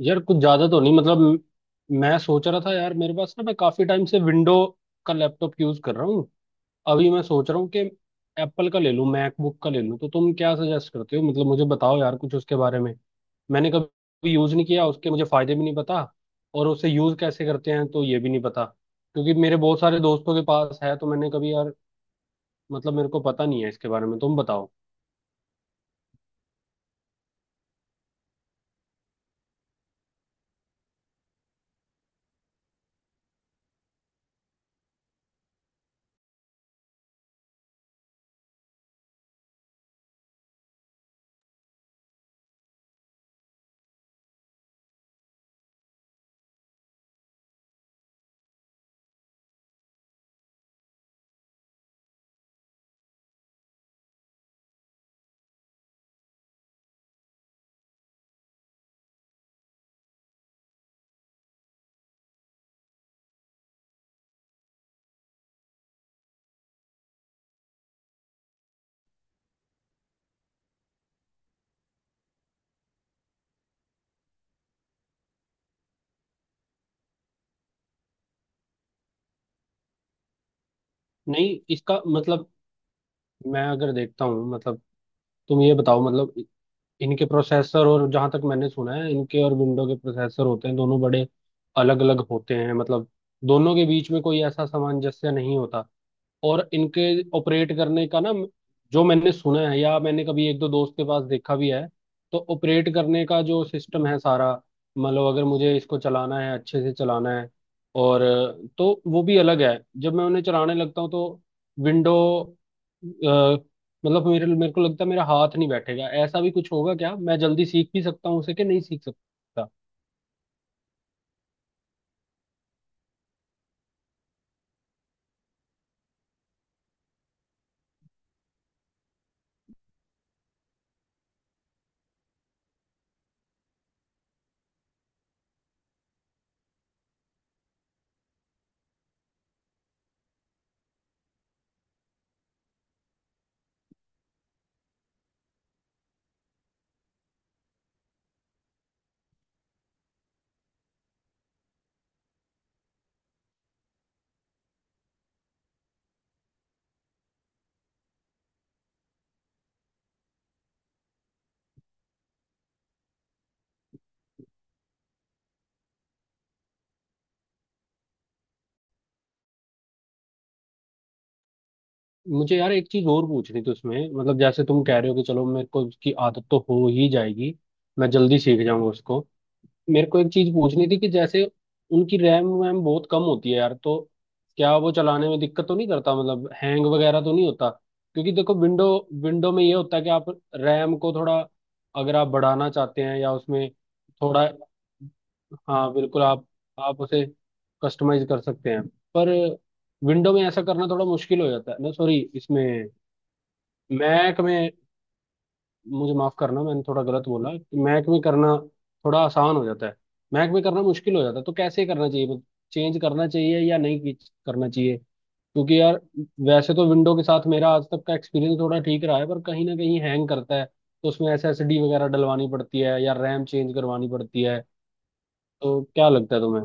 यार कुछ ज्यादा तो नहीं, मतलब मैं सोच रहा था यार, मेरे पास ना, मैं काफी टाइम से विंडो का लैपटॉप यूज कर रहा हूँ। अभी मैं सोच रहा हूँ कि एप्पल का ले लूँ, मैकबुक का ले लूँ, तो तुम क्या सजेस्ट करते हो? मतलब मुझे बताओ यार कुछ उसके बारे में। मैंने कभी यूज नहीं किया, उसके मुझे फायदे भी नहीं पता और उसे यूज कैसे करते हैं तो ये भी नहीं पता, क्योंकि मेरे बहुत सारे दोस्तों के पास है। तो मैंने कभी यार, मतलब मेरे को पता नहीं है इसके बारे में, तुम बताओ। नहीं, इसका मतलब, मैं अगर देखता हूँ, मतलब तुम ये बताओ, मतलब इनके प्रोसेसर, और जहां तक मैंने सुना है इनके और विंडो के प्रोसेसर होते हैं दोनों बड़े अलग अलग होते हैं मतलब, दोनों के बीच में कोई ऐसा सामंजस्य नहीं होता। और इनके ऑपरेट करने का ना, जो मैंने सुना है या मैंने कभी एक दो दोस्त के पास देखा भी है, तो ऑपरेट करने का जो सिस्टम है सारा, मतलब अगर मुझे इसको चलाना है, अच्छे से चलाना है, और तो वो भी अलग है। जब मैं उन्हें चलाने लगता हूँ तो विंडो, मतलब मेरे मेरे को लगता है मेरा हाथ नहीं बैठेगा, ऐसा भी कुछ होगा क्या? मैं जल्दी सीख भी सकता हूँ उसे कि नहीं सीख सकता? मुझे यार एक चीज और पूछनी थी उसमें, मतलब जैसे तुम कह रहे हो कि चलो मेरे को उसकी आदत तो हो ही जाएगी, मैं जल्दी सीख जाऊंगा उसको। मेरे को एक चीज पूछनी थी कि जैसे उनकी रैम वैम बहुत कम होती है यार, तो क्या वो चलाने में दिक्कत तो नहीं करता? मतलब हैंग वगैरह तो नहीं होता? क्योंकि देखो विंडो, में ये होता है कि आप रैम को थोड़ा, अगर आप बढ़ाना चाहते हैं या उसमें थोड़ा, हाँ बिल्कुल, आप उसे कस्टमाइज कर सकते हैं। पर विंडो में ऐसा करना थोड़ा मुश्किल हो जाता है ना, सॉरी इसमें, मैक में, मुझे माफ करना मैंने थोड़ा गलत बोला कि मैक में करना थोड़ा आसान हो जाता है। मैक में करना मुश्किल हो जाता है, तो कैसे करना चाहिए? मतलब चेंज करना चाहिए या नहीं करना चाहिए? क्योंकि यार वैसे तो विंडो के साथ मेरा आज तक का एक्सपीरियंस थोड़ा ठीक रहा है, पर कहीं ना कहीं हैंग करता है, तो उसमें एसएसडी वगैरह डलवानी पड़ती है या रैम चेंज करवानी पड़ती है। तो क्या लगता है तुम्हें?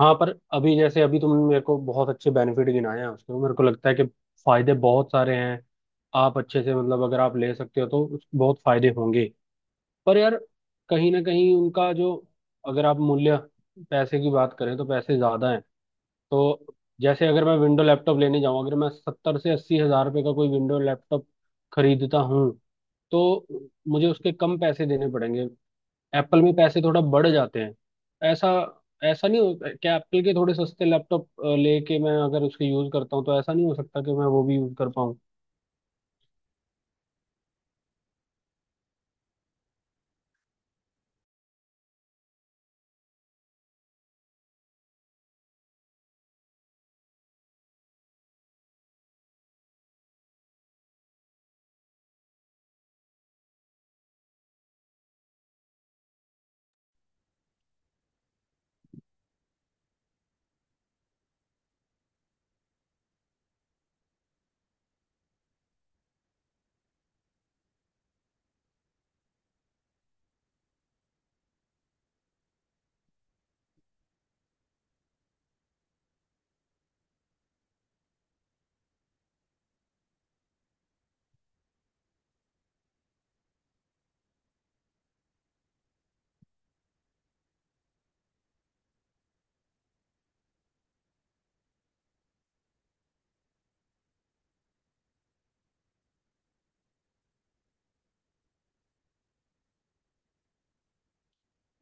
हाँ, पर अभी जैसे अभी तुमने मेरे को बहुत अच्छे बेनिफिट गिनाए हैं उसके, मेरे को लगता है कि फायदे बहुत सारे हैं। आप अच्छे से, मतलब अगर आप ले सकते हो तो बहुत फायदे होंगे। पर यार कहीं ना कहीं उनका जो, अगर आप मूल्य, पैसे की बात करें तो पैसे ज्यादा हैं। तो जैसे अगर मैं विंडो लैपटॉप लेने जाऊं, अगर मैं 70 से 80 हजार रुपये का कोई विंडो लैपटॉप खरीदता हूं, तो मुझे उसके कम पैसे देने पड़ेंगे। एप्पल में पैसे थोड़ा बढ़ जाते हैं। ऐसा ऐसा नहीं हो क्या, एप्पल के थोड़े सस्ते लैपटॉप लेके मैं अगर उसके यूज करता हूँ, तो ऐसा नहीं हो सकता कि मैं वो भी यूज कर पाऊँ?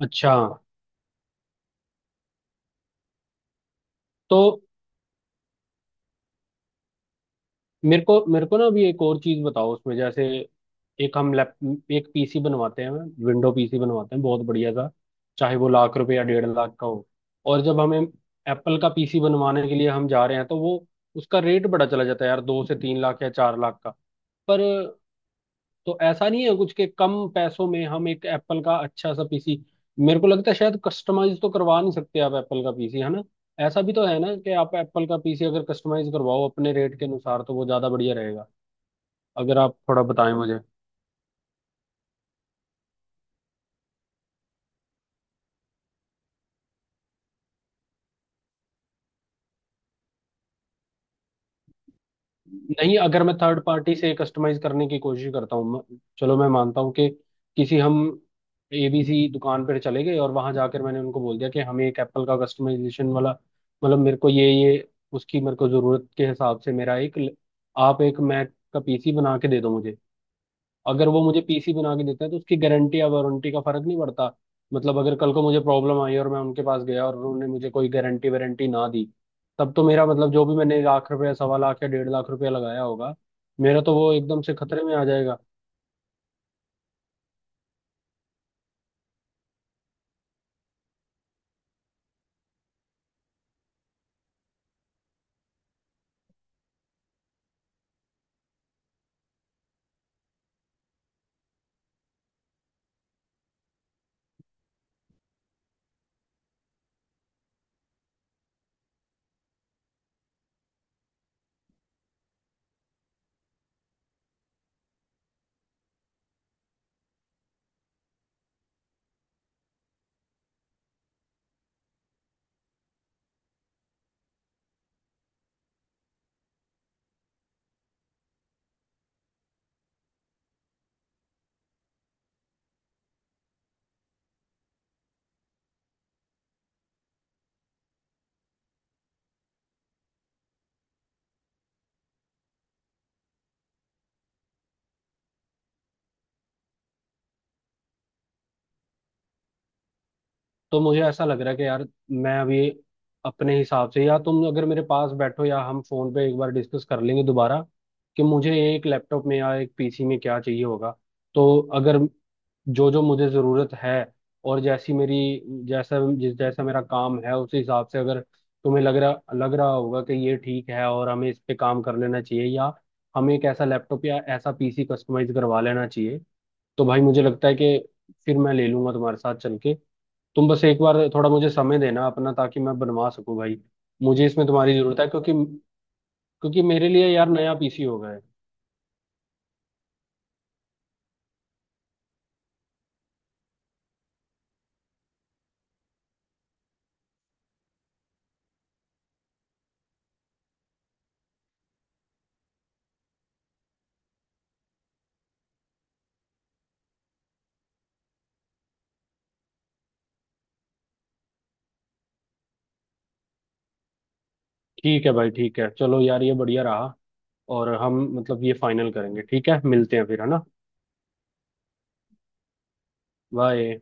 अच्छा, तो मेरे को ना अभी एक और चीज बताओ उसमें, जैसे एक हम लैप एक पीसी बनवाते हैं, विंडो पीसी बनवाते हैं, बहुत बढ़िया सा, चाहे वो लाख रुपए या 1.5 लाख का हो। और जब हमें एप्पल का पीसी बनवाने के लिए हम जा रहे हैं, तो वो उसका रेट बड़ा चला जाता है यार, 2 से 3 लाख या 4 लाख का। पर तो ऐसा नहीं है, कुछ के कम पैसों में हम एक एप्पल का अच्छा सा पीसी, मेरे को लगता है शायद कस्टमाइज तो करवा नहीं सकते आप एप्पल का पीसी, है ना? ऐसा भी तो है ना कि आप एप्पल का पीसी अगर कस्टमाइज करवाओ अपने रेट के अनुसार, तो वो ज्यादा बढ़िया रहेगा, अगर आप थोड़ा बताएं मुझे। नहीं, अगर मैं थर्ड पार्टी से कस्टमाइज करने की कोशिश करता हूँ, चलो मैं मानता हूँ कि किसी, हम एबीसी दुकान पर चले गए और वहां जाकर मैंने उनको बोल दिया कि हमें एक एप्पल का कस्टमाइजेशन वाला, मतलब मेरे को ये उसकी मेरे को जरूरत के हिसाब से मेरा आप एक मैक का पीसी बना के दे दो मुझे। अगर वो मुझे पीसी बना के देते हैं तो उसकी गारंटी या वारंटी का फर्क नहीं पड़ता, मतलब अगर कल को मुझे प्रॉब्लम आई और मैं उनके पास गया और उन्होंने मुझे कोई गारंटी वारंटी ना दी, तब तो मेरा मतलब, जो भी मैंने लाख रुपया, 1.25 लाख या 1.5 लाख रुपया लगाया होगा, मेरा तो वो एकदम से खतरे में आ जाएगा। तो मुझे ऐसा लग रहा है कि यार, मैं अभी अपने हिसाब से, या तुम अगर मेरे पास बैठो, या हम फोन पे एक बार डिस्कस कर लेंगे दोबारा कि मुझे एक लैपटॉप में या एक पीसी में क्या चाहिए होगा। तो अगर जो जो मुझे ज़रूरत है, और जैसी मेरी, जैसा मेरा काम है, उस हिसाब से अगर तुम्हें लग रहा होगा कि ये ठीक है और हमें इस पे काम कर लेना चाहिए, या हमें एक ऐसा लैपटॉप या ऐसा पीसी कस्टमाइज करवा लेना चाहिए, तो भाई मुझे लगता है कि फिर मैं ले लूंगा तुम्हारे साथ चल के। तुम बस एक बार थोड़ा मुझे समय देना अपना, ताकि मैं बनवा सकूं भाई। मुझे इसमें तुम्हारी जरूरत है, क्योंकि क्योंकि मेरे लिए यार नया पीसी हो गया है। ठीक है भाई, ठीक है, चलो यार ये बढ़िया रहा और हम, मतलब ये फाइनल करेंगे, ठीक है? मिलते हैं फिर, है ना? बाय।